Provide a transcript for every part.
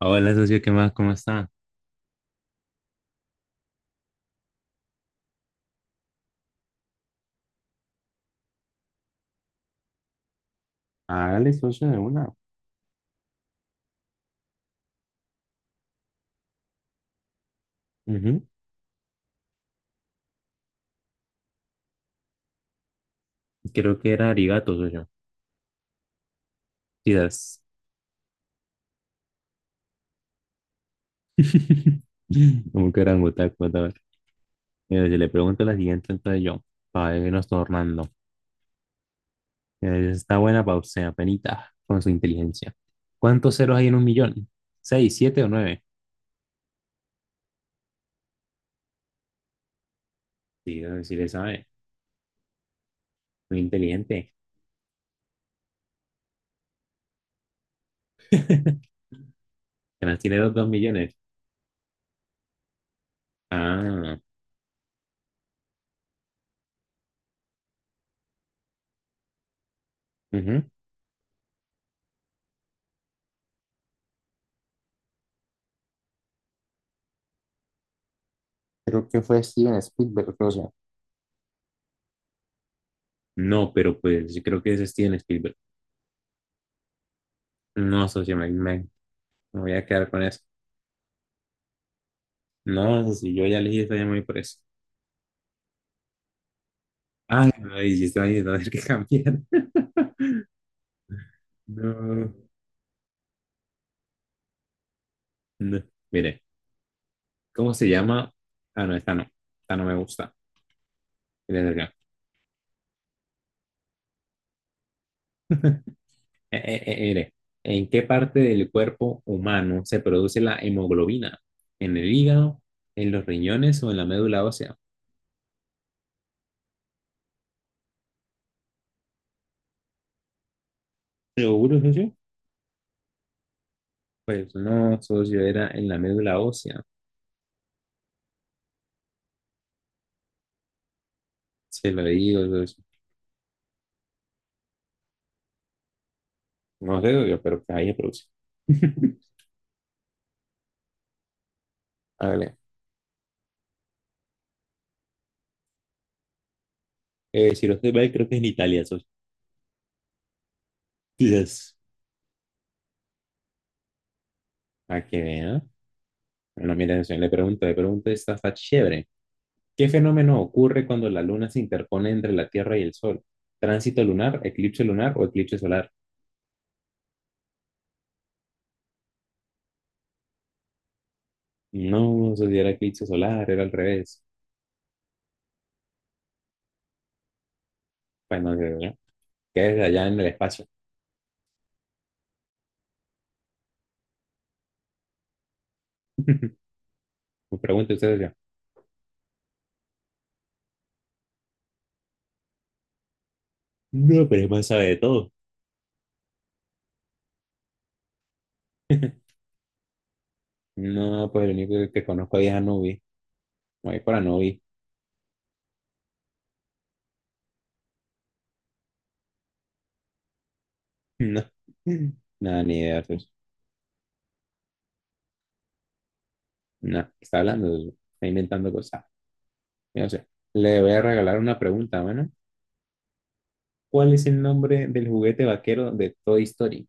Hola, socio, ¿qué más? ¿Cómo está? Hágale socio de una. Ujú. Creo que era arigato, socio. Quizás. Como que eran otakus, Mira, si le pregunto la siguiente, entonces yo, para irnos tornando. Está buena para usted, apenita, con su inteligencia. ¿Cuántos ceros hay en un millón? ¿Seis, siete o nueve? Sí, si le sabe. Muy inteligente. Apenas tiene los 2 millones. Ah, ujú. Creo que fue Steven Spielberg, socio. No, pero pues yo creo que es Steven Spielberg. No, socio, me voy a quedar con eso. No, si yo ya elegí estoy muy me por eso. Ay, no, y si estoy ahí, no, hay que cambiar. No, no. Mire, ¿cómo se llama? Ah, no, esta no. Esta no me gusta. Mire, mire, mire, ¿en qué parte del cuerpo humano se produce la hemoglobina? ¿En el hígado, en los riñones o en la médula ósea? ¿Seguro, socio? Pues no, socio, era en la médula ósea. Se lo digo, socio. No sé, socio, pero ahí se produce. Hágale. Si no estoy mal, creo que es en Italia, esos días. Para que vea. Bueno, mira, atención, le pregunto, esta está chévere. ¿Qué fenómeno ocurre cuando la luna se interpone entre la Tierra y el Sol? ¿Tránsito lunar, eclipse lunar o eclipse solar? No, eso sí era eclipse solar, era al revés. Bueno, ¿qué es allá en el espacio? Me pregunta usted, ya. No, pero es más sabe de todo. No, pues el único que conozco ahí es Anubi. Voy por Anubi. No, nada, ni idea. Pues. No, ¿qué está hablando? Está inventando cosas. Mira, o sea, le voy a regalar una pregunta, mano. ¿Cuál es el nombre del juguete vaquero de Toy Story?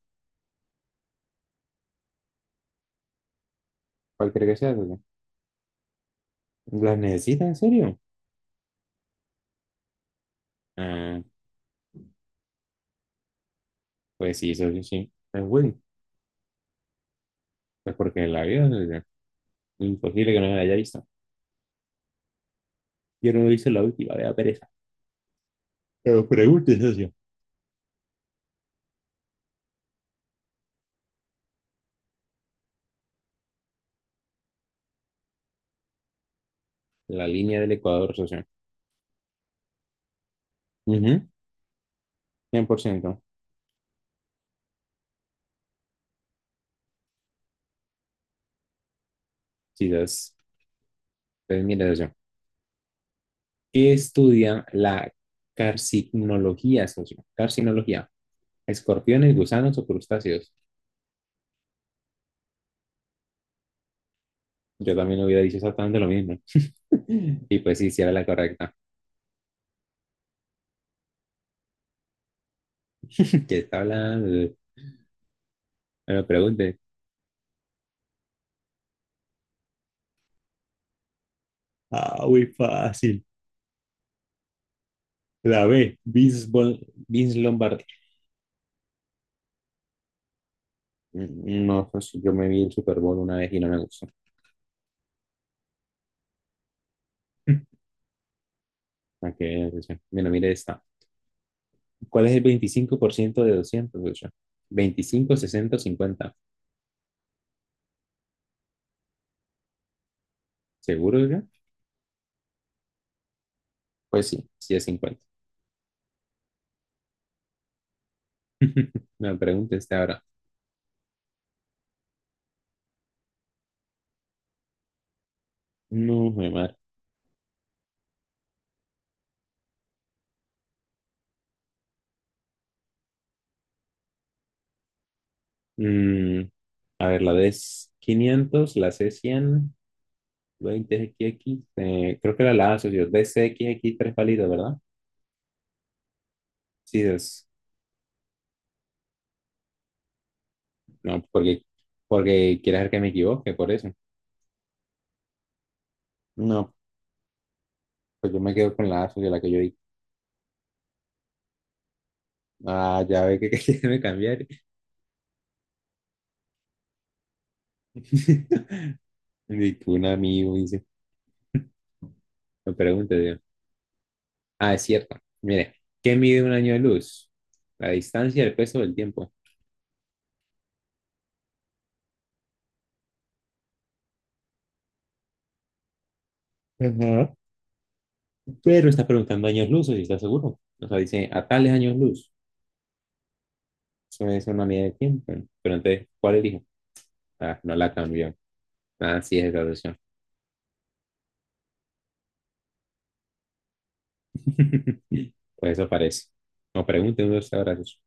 ¿Cuál cree que sea, socio? ¿Las necesita en serio? Ah, pues sí, socio, sí. Es Woody. Pues porque la vida es imposible que no la haya visto. Yo no lo hice la última, vea pereza. Pero pregunte, socio. La línea del Ecuador, socio. Ujú, 100%. Sí, entonces, pues mire, socio. ¿Qué estudia la carcinología, socio? Carcinología. ¿Escorpiones, gusanos o crustáceos? Yo también hubiera dicho exactamente lo mismo. Y pues sí, sí era la correcta. ¿Que está hablando? Me lo pregunte. Ah, muy fácil. La B, Vince, Vince Lombardi. Mm. No, pues, yo me vi el Super Bowl una vez y no me gustó. Ok, Lucha. Mira, mire esta. ¿Cuál es el 25% de 200, Lucha? 25, 60, 50. ¿Seguro, Lucha? Pues sí, sí es 50. Me pregunta esta ahora. No, mi madre. Mm, a ver, la D es 500, la C es 100 20XX, creo que era la asociación DCXX tres palitos, ¿verdad? Sí, es. No, porque quieres ver que me equivoque, por eso. No, pues yo me quedo con la asociación, la que yo di. Ah, ya ve que, que quiere me cambiar. Y que un amigo dice, me pregunta, digo, ah, es cierto. Mire, ¿qué mide un año de luz? La distancia, el peso, el tiempo. Ajá. Pero está preguntando años luz, si está seguro. O sea, dice, a tales años luz. Eso es una medida de tiempo. Pero entonces, ¿cuál elijo? Ah, no la cambió. Así es, graduación. Pues eso parece. No pregunten dónde está graduación.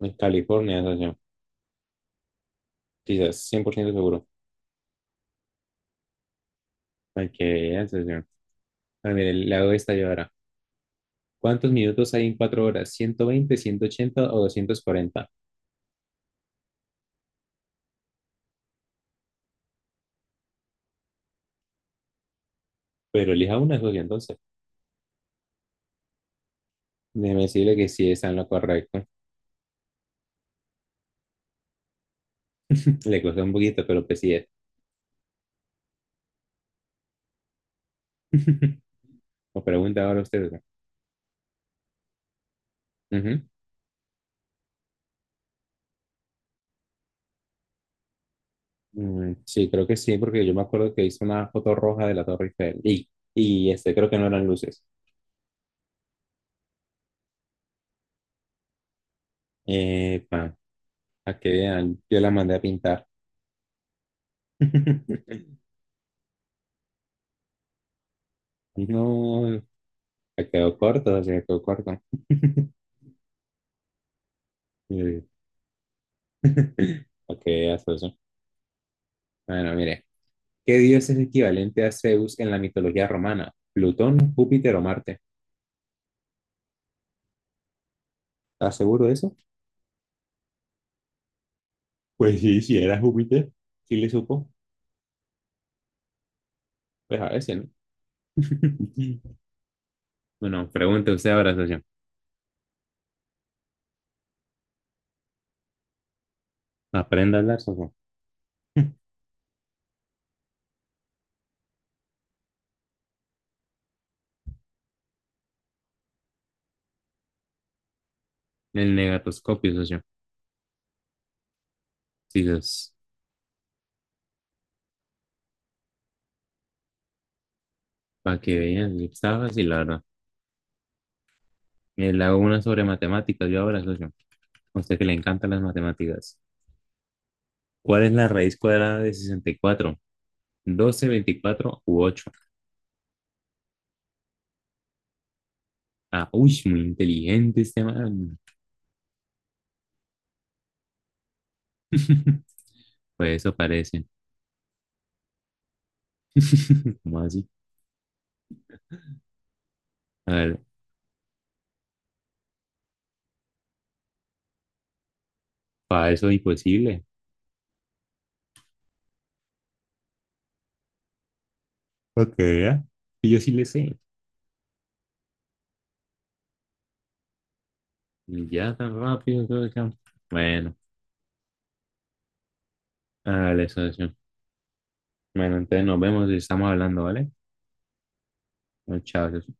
En California, socio. Quizás 100% seguro. Para que vean, socio. Ah, mire, le hago esta yo ahora. ¿Cuántos minutos hay en 4 horas? 120, 180 o 240. Pero elija una, socio, entonces. Déjeme decirle que sí está en lo correcto. Le costó un poquito, pero pues sí es. O pregunta ahora usted, socio. Ujú. Mm, sí, creo que sí, porque yo me acuerdo que hice una foto roja de la Torre Eiffel. Y este, creo que no eran luces. Epa. A que vean, yo la mandé a pintar. No, se quedó corto, se quedó corto. Eh, Ok, hasta eso. Bueno, mire, ¿qué dios es equivalente a Zeus en la mitología romana? ¿Plutón, Júpiter o Marte? ¿Estás seguro de eso? Pues sí, si era Júpiter. ¿Sí le supo? Pues a veces, ¿no? Bueno, pregunte usted ahora, socio. Aprenda a hablar, socio. El negatoscopio, socio. Sí, para que vean, está fácil, la verdad. Le hago una sobre matemáticas yo ahora, socio. O sea que le encantan las matemáticas. ¿Cuál es la raíz cuadrada de 64, 12, 24 u ocho? Ah, uy, muy inteligente este man. Pues eso parece. ¿Cómo así? A ver, para eso es imposible. Ok, ya. Y yo sí le sé. Y ya tan rápido todo acá. Bueno, dale, socio. Bueno, entonces nos vemos y estamos hablando, ¿vale? Bueno, chao, socio.